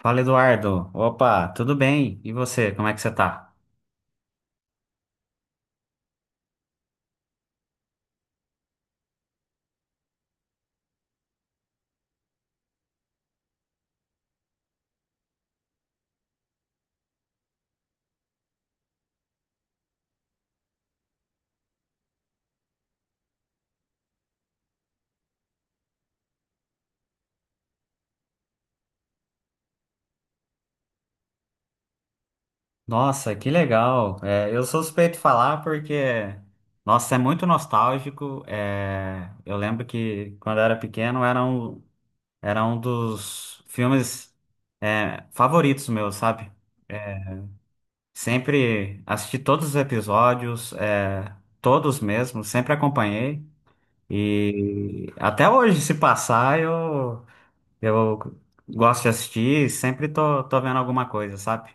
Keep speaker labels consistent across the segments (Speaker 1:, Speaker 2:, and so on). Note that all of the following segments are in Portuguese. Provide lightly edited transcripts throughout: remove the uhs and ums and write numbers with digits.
Speaker 1: Fala, Eduardo. Opa, tudo bem? E você, como é que você tá? Nossa, que legal. É, eu sou suspeito de falar porque, nossa, é muito nostálgico. É, eu lembro que quando eu era pequeno era um dos filmes, favoritos meus, sabe? É, sempre assisti todos os episódios, todos mesmo, sempre acompanhei. E até hoje, se passar, eu gosto de assistir, sempre tô vendo alguma coisa, sabe?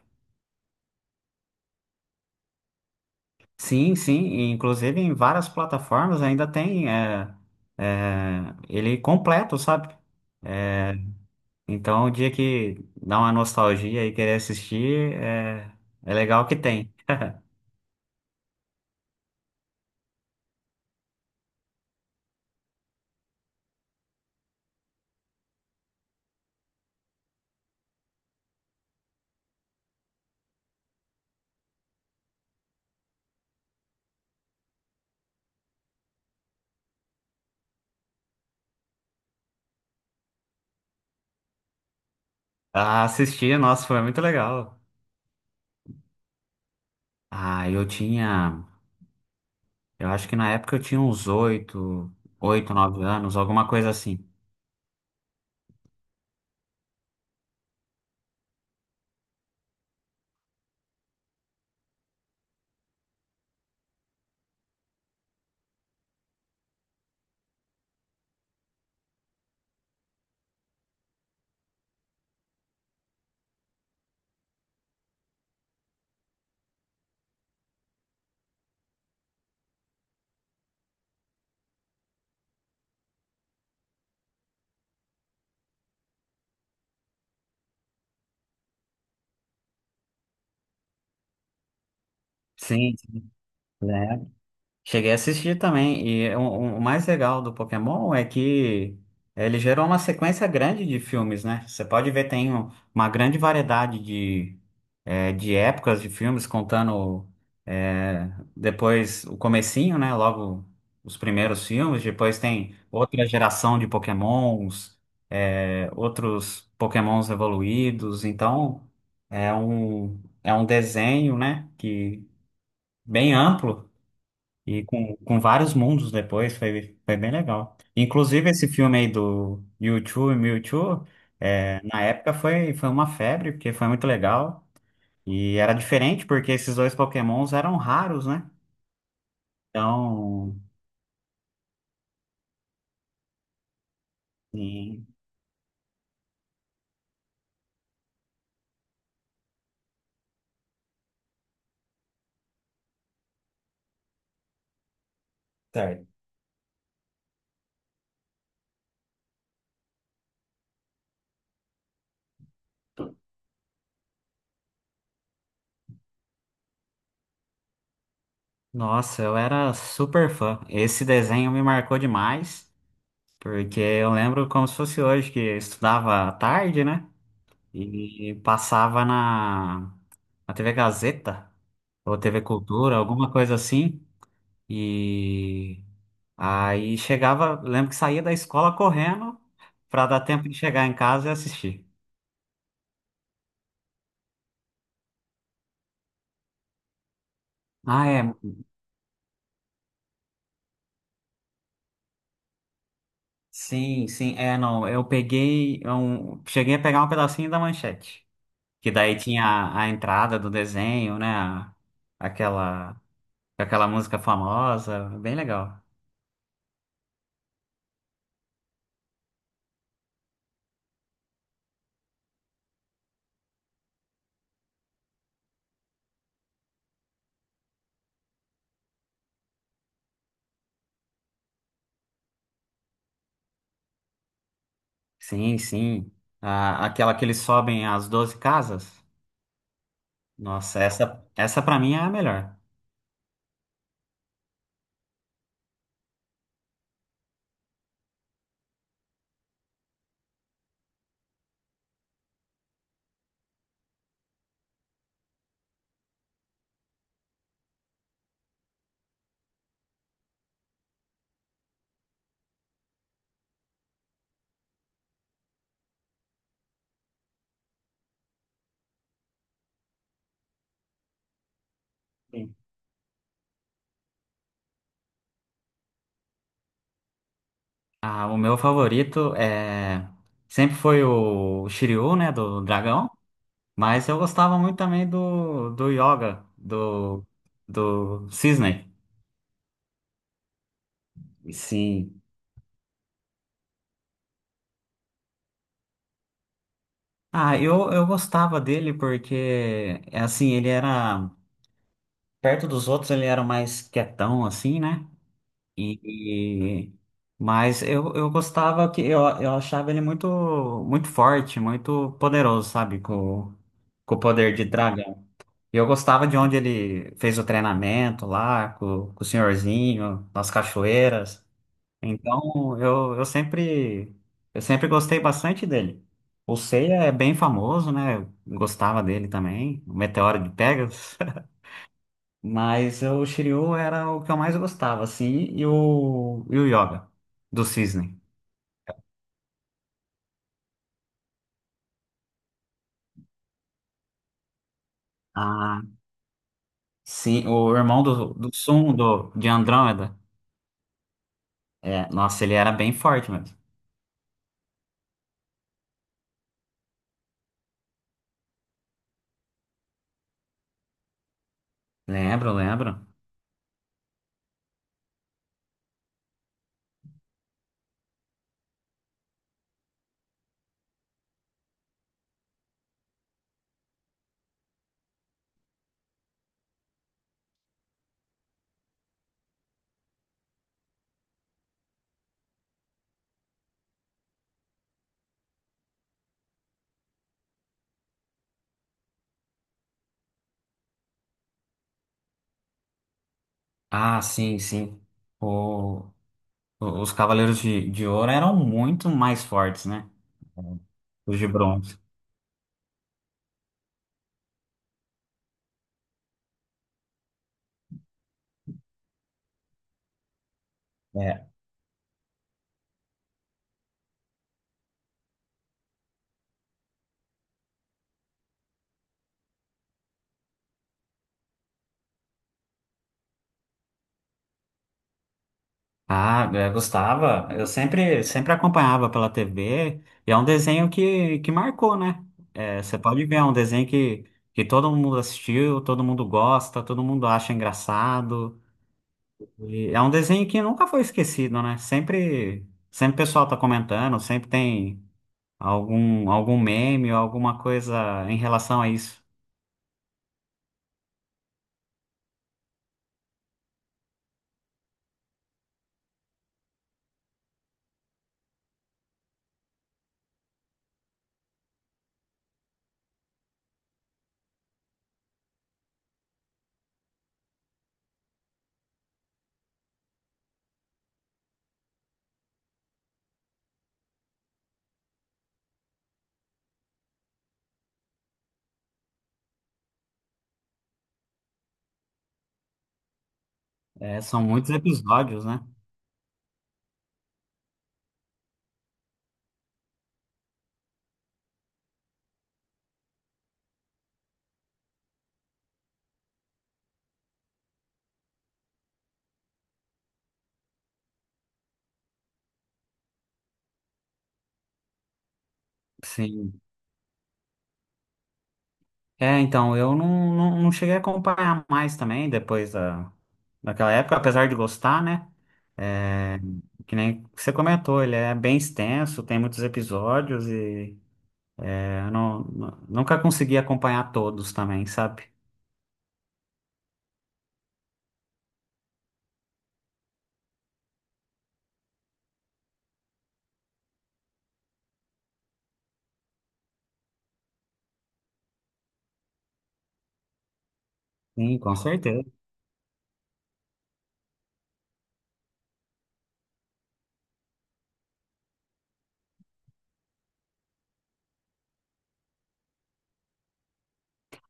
Speaker 1: Sim, sim, e inclusive em várias plataformas ainda tem ele completo, sabe? Então, o dia que dá uma nostalgia e querer assistir, é legal que tem. Ah, assistir, nossa, foi muito legal. Ah, eu acho que na época eu tinha uns oito, oito, nove anos, alguma coisa assim. Sim, sim. Cheguei a assistir também, e o mais legal do Pokémon é que ele gerou uma sequência grande de filmes, né? Você pode ver, tem uma grande variedade de épocas de filmes, contando eh, depois o comecinho, né? Logo os primeiros filmes, depois tem outra geração de Pokémons, outros Pokémons evoluídos, então é um desenho, né? Que bem amplo. E com vários mundos depois, foi bem legal. Inclusive, esse filme aí do u e Mewtwo, na época foi uma febre, porque foi muito legal. E era diferente, porque esses dois Pokémons eram raros, né? Então, e- certo. Nossa, eu era super fã. Esse desenho me marcou demais, porque eu lembro como se fosse hoje, que eu estudava à tarde, né? E passava na TV Gazeta, ou TV Cultura, alguma coisa assim. E aí chegava, lembro que saía da escola correndo para dar tempo de chegar em casa e assistir. Ah, é. Sim, sim, é, não. Cheguei a pegar um pedacinho da manchete, que daí tinha a entrada do desenho, né? Aquela, aquela música famosa, bem legal. Sim, sim. Aquela que eles sobem as 12 casas. Nossa, essa para mim é a melhor. Ah, o meu favorito sempre foi o Shiryu, né, do dragão, mas eu gostava muito também do Yoga, do Cisne. Sim. Ah, eu gostava dele porque, é assim, perto dos outros ele era mais quietão, assim, né, e, e- mas eu gostava eu achava ele muito, muito forte, muito poderoso, sabe, com o poder de dragão. E eu gostava de onde ele fez o treinamento lá, com o senhorzinho, nas cachoeiras. Então, eu, eu sempre, eu sempre gostei bastante dele. O Seiya é bem famoso, né? Eu gostava dele também, o Meteoro de Pegasus. Mas o Shiryu era o que eu mais gostava, assim, e o Yoga, do Cisne. Ah, sim, o irmão do Sun, de Andrômeda. É, nossa, ele era bem forte mesmo. Lembro, lembro. Ah, sim, sim. O- os Cavaleiros de Ouro eram muito mais fortes, né? É, os de bronze. É. Ah, eu gostava. Eu sempre, sempre acompanhava pela TV. E é um desenho que marcou, né? É, você pode ver, é um desenho que todo mundo assistiu, todo mundo gosta, todo mundo acha engraçado. E é um desenho que nunca foi esquecido, né? Sempre, sempre o pessoal tá comentando, sempre tem. Algum meme ou alguma coisa em relação a isso. É, são muitos episódios, né? Sim. É, então, eu não cheguei a acompanhar mais também depois daquela época, apesar de gostar, né? É, que nem você comentou, ele é bem extenso, tem muitos episódios e eu não, nu- nunca consegui acompanhar todos também, sabe? Sim, com certeza.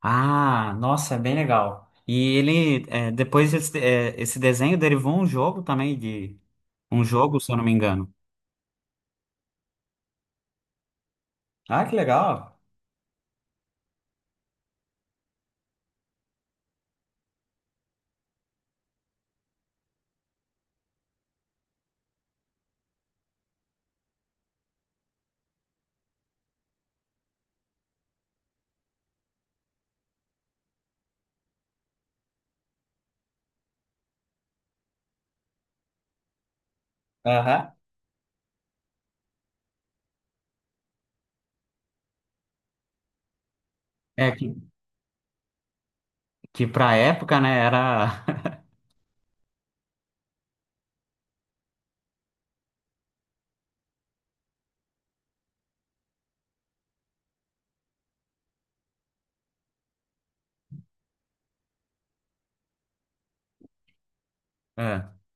Speaker 1: Ah, nossa, é bem legal. E ele, depois esse desenho derivou um jogo também de um jogo, se eu não me engano. Ah, que legal. Aham. É que pra época, né, era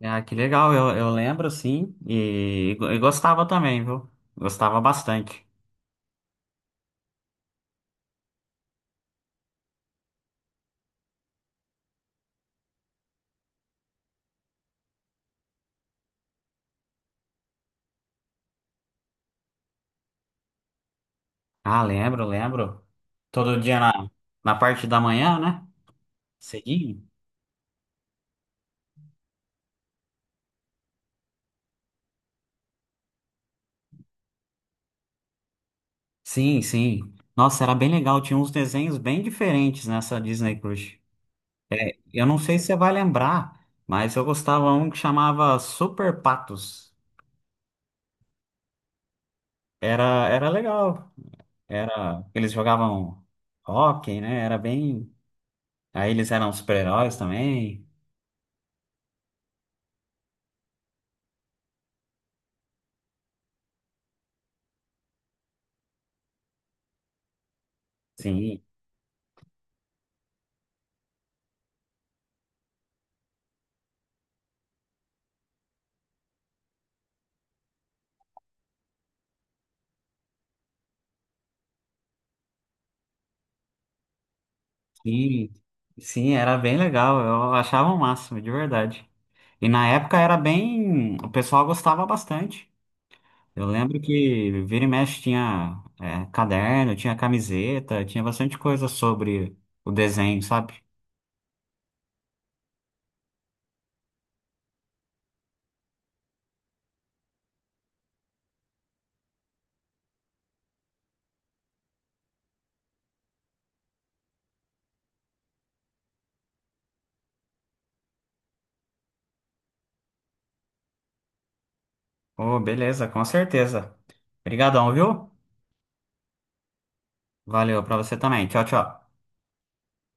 Speaker 1: É. Ah, que legal, eu lembro sim, e gostava também, viu? Gostava bastante. Ah, lembro, lembro. Todo dia na parte da manhã, né? Cedinho? Sim, sim. Nossa, era bem legal, tinha uns desenhos bem diferentes nessa Disney Cruise. Eu não sei se você vai lembrar, mas eu gostava um que chamava Super Patos. Era legal. Eles jogavam hóquei, né? Era bem. Aí eles eram super-heróis também. Sim, sim, sim, era bem legal. Eu achava o máximo, de verdade. E na época era bem. O pessoal gostava bastante. Eu lembro que vira e mexe tinha, caderno, tinha camiseta, tinha bastante coisa sobre o desenho, sabe? Oh, beleza, com certeza. Obrigadão, viu? Valeu pra você também. Tchau, tchau.